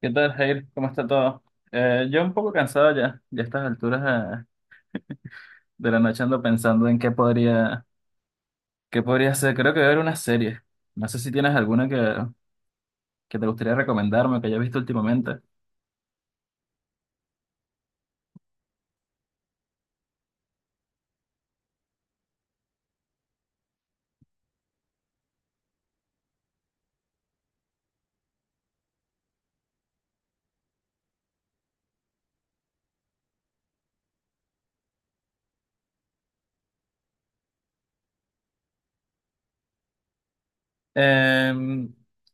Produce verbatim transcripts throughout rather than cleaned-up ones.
¿Qué tal, Jair? ¿Cómo está todo? Eh, yo un poco cansado ya, ya a estas alturas eh, de la noche ando pensando en qué podría, qué podría hacer. Creo que voy a ver una serie. No sé si tienes alguna que, que te gustaría recomendarme o que hayas visto últimamente. Eh,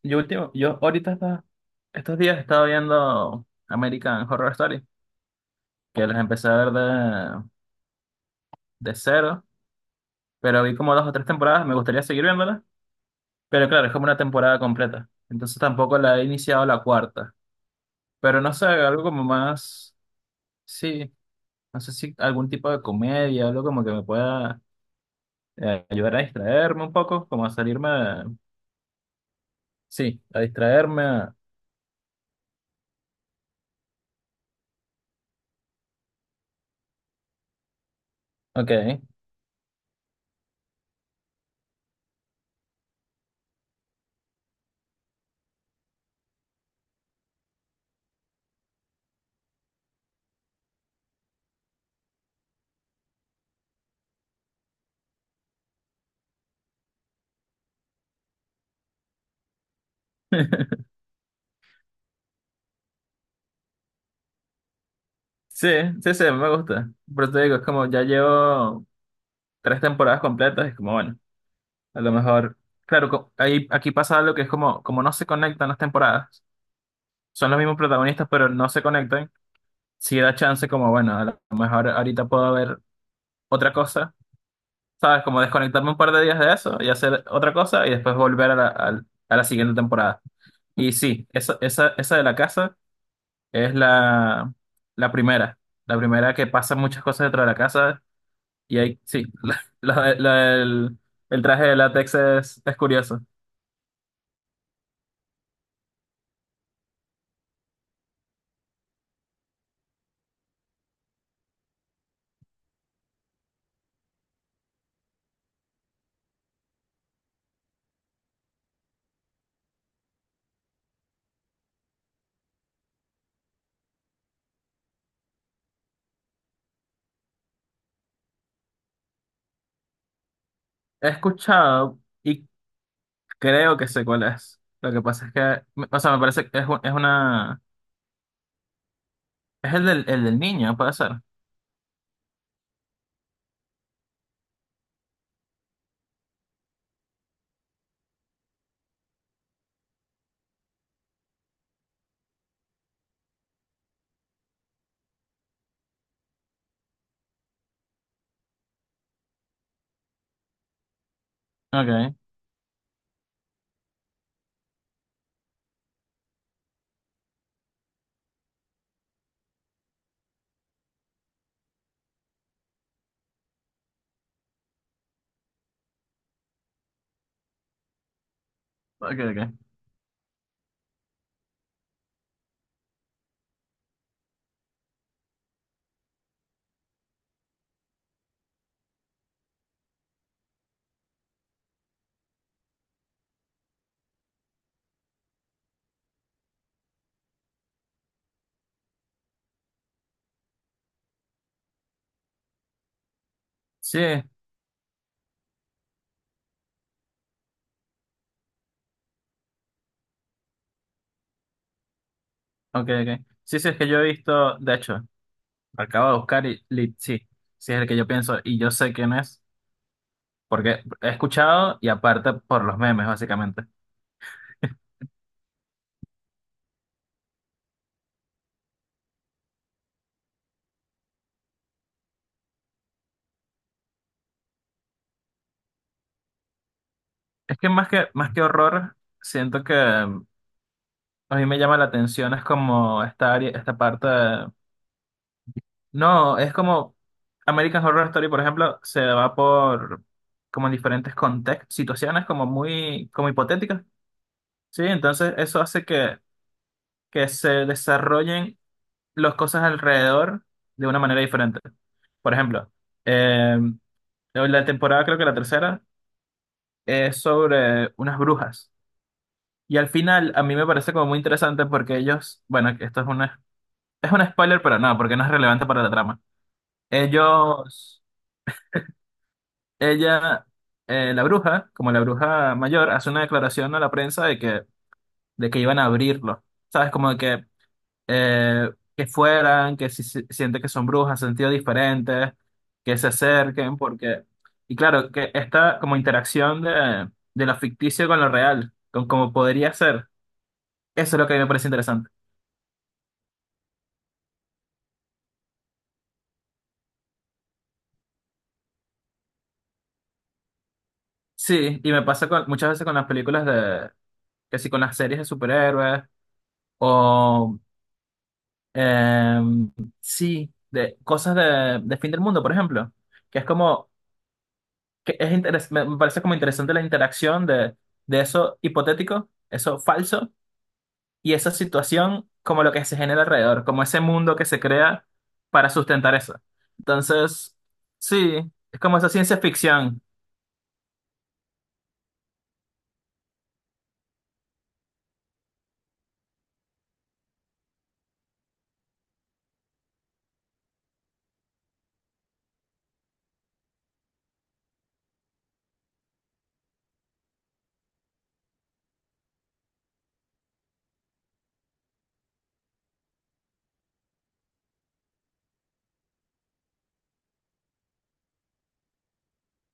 yo último, yo ahorita esta- estos días he estado viendo American Horror Story, que las empecé a ver de, de cero, pero vi como dos o tres temporadas, me gustaría seguir viéndolas, pero claro, es como una temporada completa. Entonces tampoco la he iniciado la cuarta. Pero no sé, algo como más. Sí, no sé si algún tipo de comedia, algo como que me pueda eh, ayudar a distraerme un poco, como a salirme de- sí, a distraerme. a- Ok. Sí, sí, sí, me gusta. Pero te digo, es como ya llevo tres temporadas completas, es como bueno, a lo mejor. Claro, co- ahí, aquí pasa algo que es como, como no se conectan las temporadas, son los mismos protagonistas, pero no se conectan. Sí da chance, como bueno, a lo mejor ahorita puedo ver otra cosa, ¿sabes? Como desconectarme un par de días de eso y hacer otra cosa y después volver a la, al- a la siguiente temporada. Y sí, esa, esa, esa de la casa es la, la primera. La primera que pasa muchas cosas dentro de la casa y ahí, sí, la- la- la- el, el traje de látex es, es curioso. He escuchado y creo que sé cuál es. Lo que pasa es que, o sea, me parece que es, un- es una... Es el del, el del niño, puede ser. Ok, ok, ok. Sí, ok, ok. Sí, sí, es que yo he visto, de hecho, acabo de buscar y, Lit- sí, sí es el que yo pienso y yo sé quién es, porque he escuchado y aparte por los memes, básicamente. Es que más que, más que horror, siento que mm, a mí me llama la atención, es como esta área, esta parte de- No, es como American Horror Story, por ejemplo, se va por como en diferentes contextos, situaciones como muy, como hipotéticas, ¿sí? Entonces eso hace que, que se desarrollen las cosas alrededor de una manera diferente. Por ejemplo, eh, la temporada, creo que la tercera, es sobre unas brujas. Y al final, a mí me parece como muy interesante porque ellos, bueno, esto es una, es un spoiler, pero no, porque no es relevante para la trama. Ellos, ella, eh, la bruja, como la bruja mayor, hace una declaración a la prensa de que, de que iban a abrirlo. ¿Sabes? Como de que eh, que fueran, que si, si- siente que son brujas, sentido diferentes, que se acerquen, porque, y claro, que esta como interacción de, de lo ficticio con lo real, con cómo podría ser, eso es lo que a mí me parece interesante. Sí, y me pasa con- muchas veces con las películas de, que sí, con las series de superhéroes, o, em, sí, de cosas de, de fin del mundo, por ejemplo, que es como... que Es interes- me me parece como interesante la interacción de, de eso hipotético, eso falso, y esa situación como lo que se genera alrededor, como ese mundo que se crea para sustentar eso. Entonces, sí, es como esa ciencia ficción,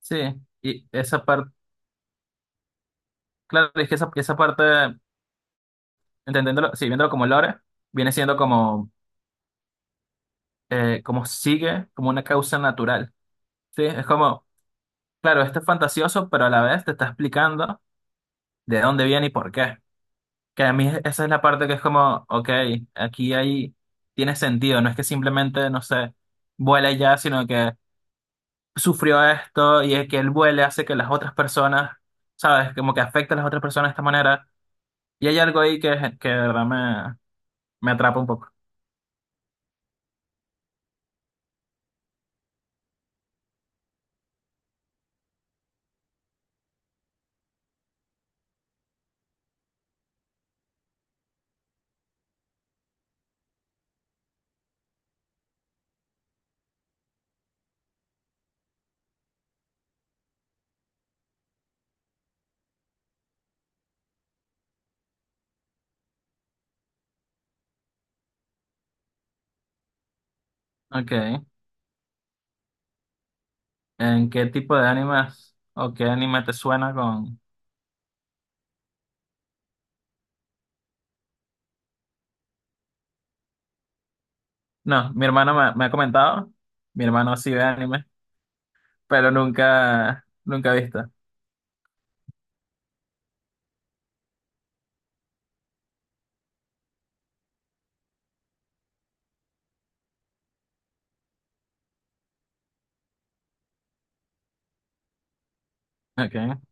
sí, y esa parte, claro, es que esa, esa parte, entendiéndolo, sí, viéndolo como lore, viene siendo como, eh, como sigue, como una causa natural, sí, es como, claro, esto es fantasioso, pero a la vez te está explicando de dónde viene y por qué. Que a mí esa es la parte que es como, ok, aquí hay, tiene sentido, no es que simplemente, no sé, vuele ya, sino que sufrió esto y es que él vuele hace que las otras personas, ¿sabes? Como que afecta a las otras personas de esta manera. Y hay algo ahí que, que de verdad me, me atrapa un poco. Ok, ¿en qué tipo de animes o qué anime te suena con...? No, mi hermano me, me ha comentado, mi hermano sí ve anime, pero nunca, nunca ha visto. Ok, ok,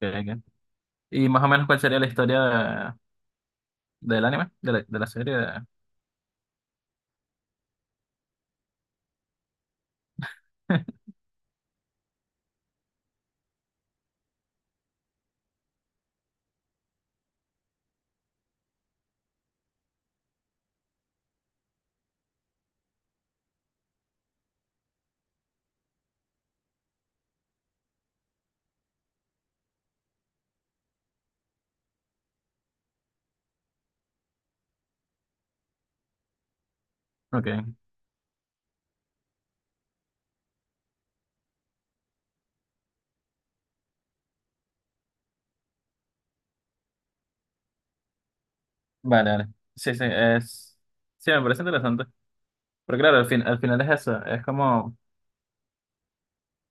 ok. Y más o menos cuál sería la historia ¿del anime? ¿De la, de la serie? Ok, vale, vale. Sí, sí, es... Sí, me parece interesante. Pero claro, al fin, al final es eso, es como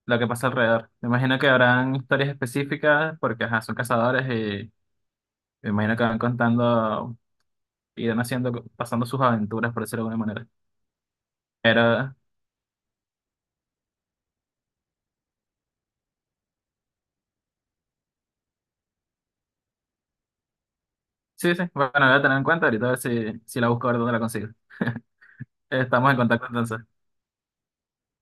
lo que pasa alrededor. Me imagino que habrán historias específicas porque, ajá, son cazadores y me imagino que van contando, irán haciendo, pasando sus aventuras, por decirlo de alguna manera. Pero sí, sí, bueno, la voy a tener en cuenta ahorita a ver si, si la busco a ver dónde la consigo. Estamos en contacto entonces.